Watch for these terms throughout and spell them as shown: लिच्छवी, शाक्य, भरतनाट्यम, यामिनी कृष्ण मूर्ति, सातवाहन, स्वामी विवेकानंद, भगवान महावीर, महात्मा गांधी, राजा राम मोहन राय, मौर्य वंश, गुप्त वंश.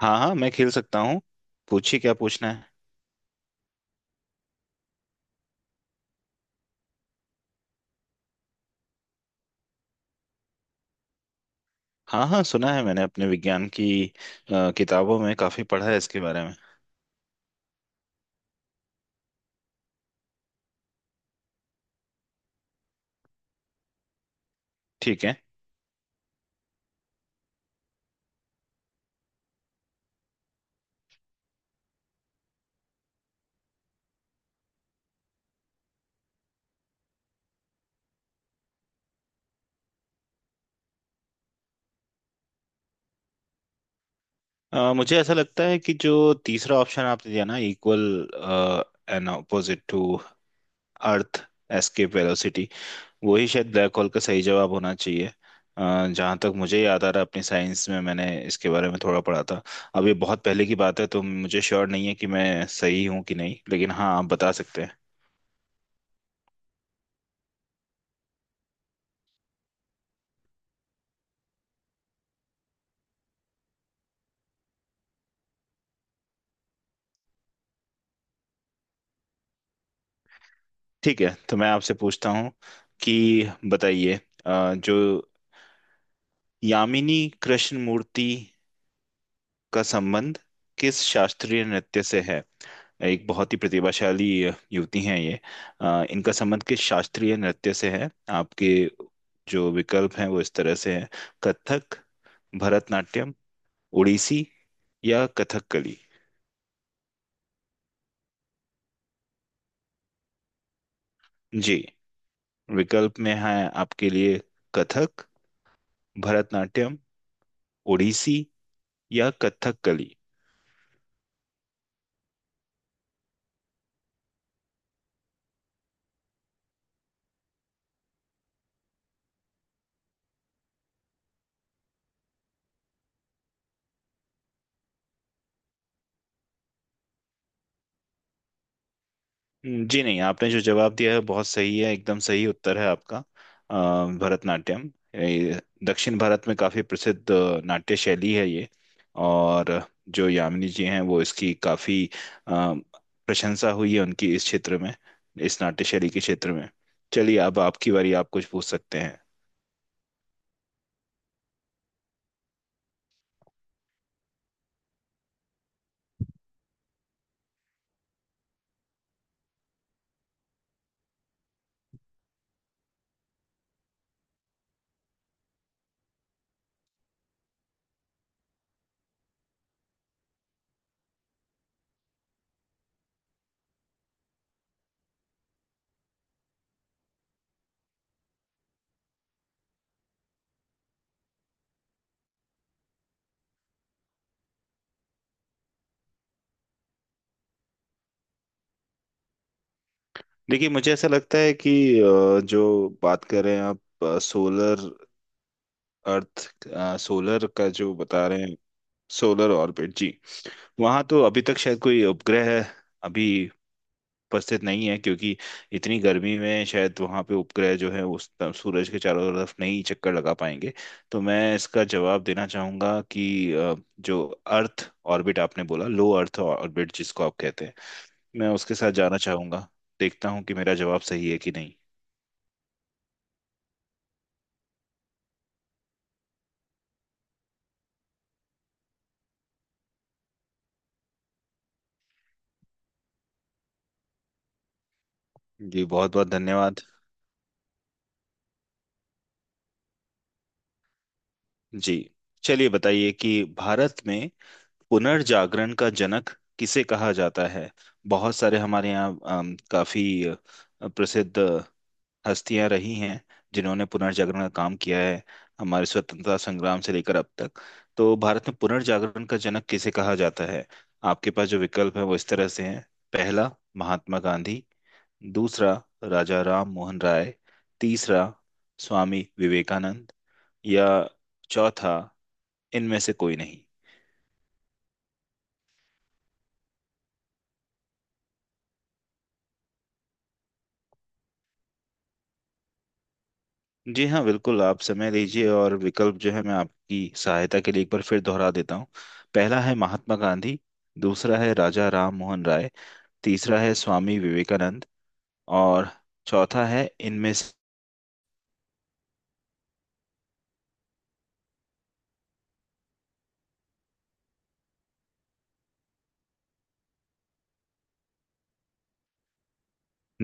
हाँ हाँ मैं खेल सकता हूँ। पूछिए क्या पूछना है। हाँ हाँ सुना है मैंने अपने विज्ञान की किताबों में काफी पढ़ा है इसके बारे में। ठीक है। मुझे ऐसा लगता है कि जो तीसरा ऑप्शन आपने दिया ना, equal and opposite to earth escape velocity, वही शायद ब्लैक होल का सही जवाब होना चाहिए। जहाँ तक मुझे याद आ रहा है अपनी साइंस में मैंने इसके बारे में थोड़ा पढ़ा था। अब ये बहुत पहले की बात है, तो मुझे श्योर नहीं है कि मैं सही हूँ कि नहीं, लेकिन हाँ आप बता सकते हैं। ठीक है, तो मैं आपसे पूछता हूँ कि बताइए, जो यामिनी कृष्ण मूर्ति का संबंध किस शास्त्रीय नृत्य से है। एक बहुत ही प्रतिभाशाली युवती हैं ये। इनका संबंध किस शास्त्रीय नृत्य से है? आपके जो विकल्प हैं वो इस तरह से हैं: कथक, भरतनाट्यम, ओडिसी या कथकली। जी, विकल्प में है आपके लिए: कथक, भरतनाट्यम, ओडिसी या कथकली। जी नहीं, आपने जो जवाब दिया है बहुत सही है, एकदम सही उत्तर है आपका, भरतनाट्यम। ये दक्षिण भारत में काफी प्रसिद्ध नाट्य शैली है ये। और जो यामिनी जी हैं वो इसकी काफी अ, प्रशंसा हुई है उनकी इस क्षेत्र में, इस नाट्य शैली के क्षेत्र में। चलिए, अब आपकी बारी, आप कुछ पूछ सकते हैं। देखिए, मुझे ऐसा लगता है कि जो बात कर रहे हैं आप, सोलर, अर्थ, सोलर का जो बता रहे हैं। सोलर ऑर्बिट जी, वहां तो अभी तक शायद कोई उपग्रह अभी उपस्थित नहीं है, क्योंकि इतनी गर्मी में शायद वहां पे उपग्रह जो है उस तरफ सूरज के चारों तरफ नहीं चक्कर लगा पाएंगे। तो मैं इसका जवाब देना चाहूंगा कि जो अर्थ ऑर्बिट आपने बोला, लो अर्थ ऑर्बिट जिसको आप कहते हैं, मैं उसके साथ जाना चाहूंगा। देखता हूँ कि मेरा जवाब सही है कि नहीं। जी, बहुत बहुत धन्यवाद। जी, चलिए बताइए कि भारत में पुनर्जागरण का जनक किसे कहा जाता है। बहुत सारे हमारे यहाँ काफी प्रसिद्ध हस्तियां रही हैं, जिन्होंने पुनर्जागरण का काम किया है, हमारे स्वतंत्रता संग्राम से लेकर अब तक। तो भारत में पुनर्जागरण का जनक किसे कहा जाता है? आपके पास जो विकल्प है वो इस तरह से हैं: पहला, महात्मा गांधी; दूसरा, राजा राम मोहन राय; तीसरा, स्वामी विवेकानंद; या चौथा, इनमें से कोई नहीं। जी हाँ, बिल्कुल, आप समय लीजिए, और विकल्प जो है मैं आपकी सहायता के लिए एक बार फिर दोहरा देता हूँ। पहला है महात्मा गांधी, दूसरा है राजा राम मोहन राय, तीसरा है स्वामी विवेकानंद, और चौथा है इनमें।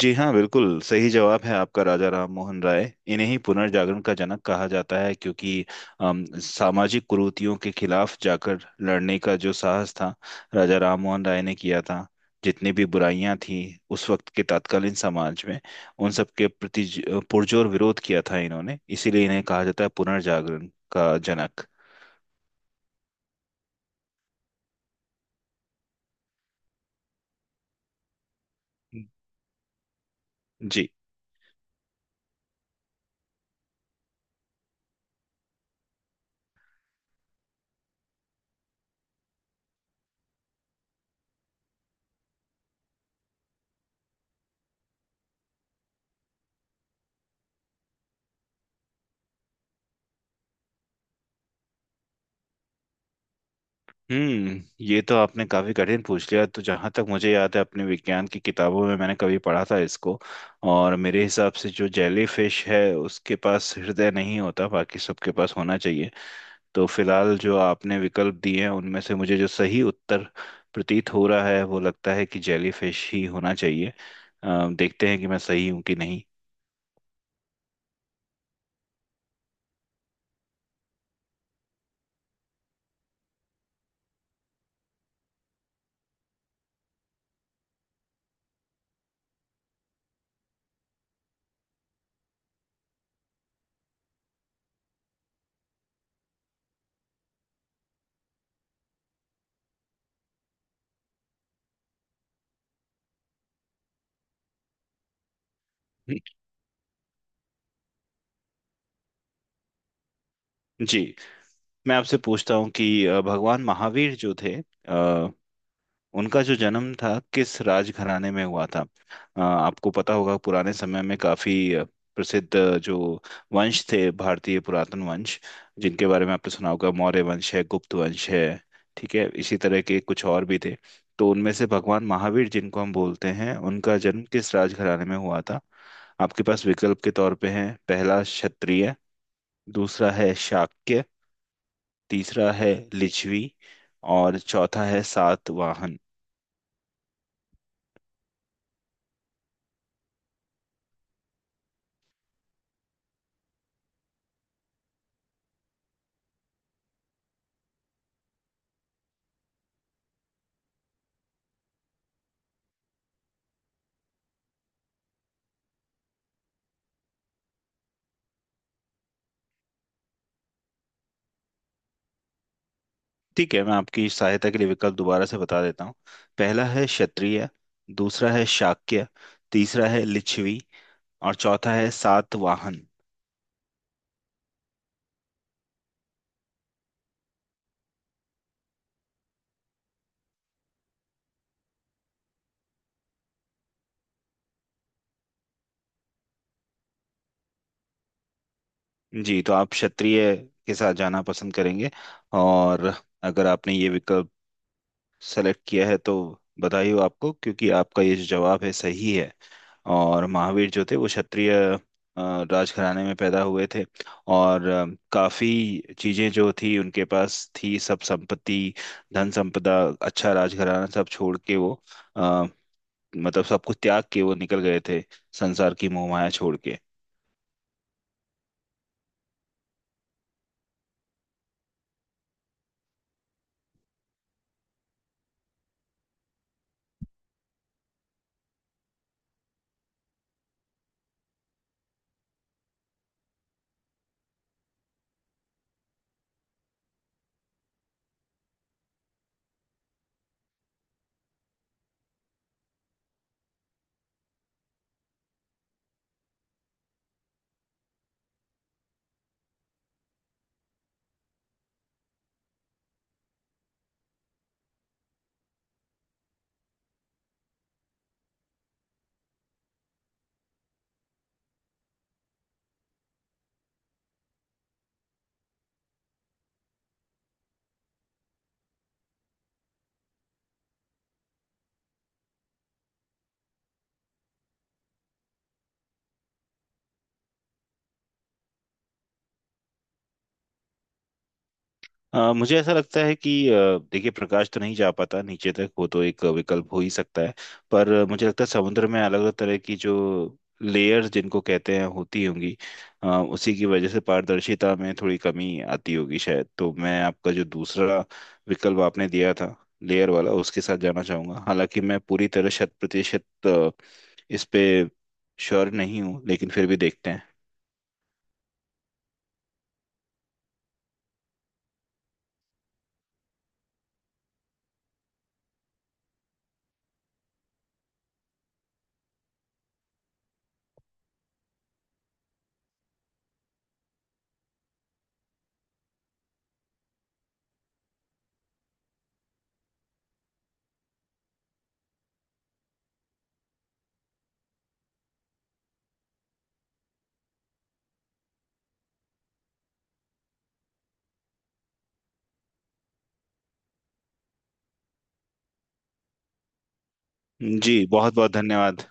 जी हाँ, बिल्कुल सही जवाब है आपका, राजा राम मोहन राय, इन्हें ही पुनर्जागरण का जनक कहा जाता है, क्योंकि सामाजिक कुरीतियों के खिलाफ जाकर लड़ने का जो साहस था, राजा राम मोहन राय ने किया था। जितनी भी बुराइयां थी उस वक्त के तत्कालीन समाज में, उन सब के प्रति पुरजोर विरोध किया था इन्होंने, इसीलिए इन्हें कहा जाता है पुनर्जागरण का जनक। जी। हम्म ये तो आपने काफी कठिन पूछ लिया, तो जहां तक मुझे याद है अपने विज्ञान की किताबों में मैंने कभी पढ़ा था इसको, और मेरे हिसाब से जो जेली फिश है उसके पास हृदय नहीं होता, बाकी सबके पास होना चाहिए। तो फिलहाल जो आपने विकल्प दिए हैं उनमें से मुझे जो सही उत्तर प्रतीत हो रहा है, वो लगता है कि जेली फिश ही होना चाहिए। देखते हैं कि मैं सही हूँ कि नहीं। जी, मैं आपसे पूछता हूँ कि भगवान महावीर जो थे, अ, उनका जो जन्म था किस राजघराने में हुआ था। आपको पता होगा पुराने समय में काफी प्रसिद्ध जो वंश थे, भारतीय पुरातन वंश जिनके बारे में आपने सुना होगा, मौर्य वंश है, गुप्त वंश है। ठीक है, इसी तरह के कुछ और भी थे। तो उनमें से भगवान महावीर जिनको हम बोलते हैं उनका जन्म किस राजघराने में हुआ था? आपके पास विकल्प के तौर पे हैं: पहला क्षत्रिय, दूसरा है शाक्य, तीसरा है लिच्छवी, और चौथा है सातवाहन। ठीक है, मैं आपकी सहायता के लिए विकल्प दोबारा से बता देता हूँ। पहला है क्षत्रिय, दूसरा है शाक्य, तीसरा है लिच्छवी, और चौथा है सातवाहन। जी, तो आप क्षत्रिय के साथ जाना पसंद करेंगे, और अगर आपने ये विकल्प सेलेक्ट किया है, तो बधाई हो आपको, क्योंकि आपका ये जो जवाब है सही है। और महावीर जो थे वो क्षत्रिय अ, राजघराने में पैदा हुए थे, और काफी चीजें जो थी उनके पास थी, सब संपत्ति, धन संपदा, अच्छा राजघराना सब छोड़ के वो अ, मतलब सब कुछ त्याग के वो निकल गए थे, संसार की मोहमाया छोड़ के। मुझे ऐसा लगता है कि देखिए प्रकाश तो नहीं जा पाता नीचे तक, वो तो एक विकल्प हो ही सकता है। पर मुझे लगता है समुद्र में अलग अलग तरह की जो लेयर्स जिनको कहते हैं होती होंगी, उसी की वजह से पारदर्शिता में थोड़ी कमी आती होगी शायद। तो मैं आपका जो दूसरा विकल्प आपने दिया था, लेयर वाला, उसके साथ जाना चाहूंगा। हालांकि मैं पूरी तरह शत प्रतिशत इस पे श्योर नहीं हूँ, लेकिन फिर भी देखते हैं। जी, बहुत बहुत धन्यवाद।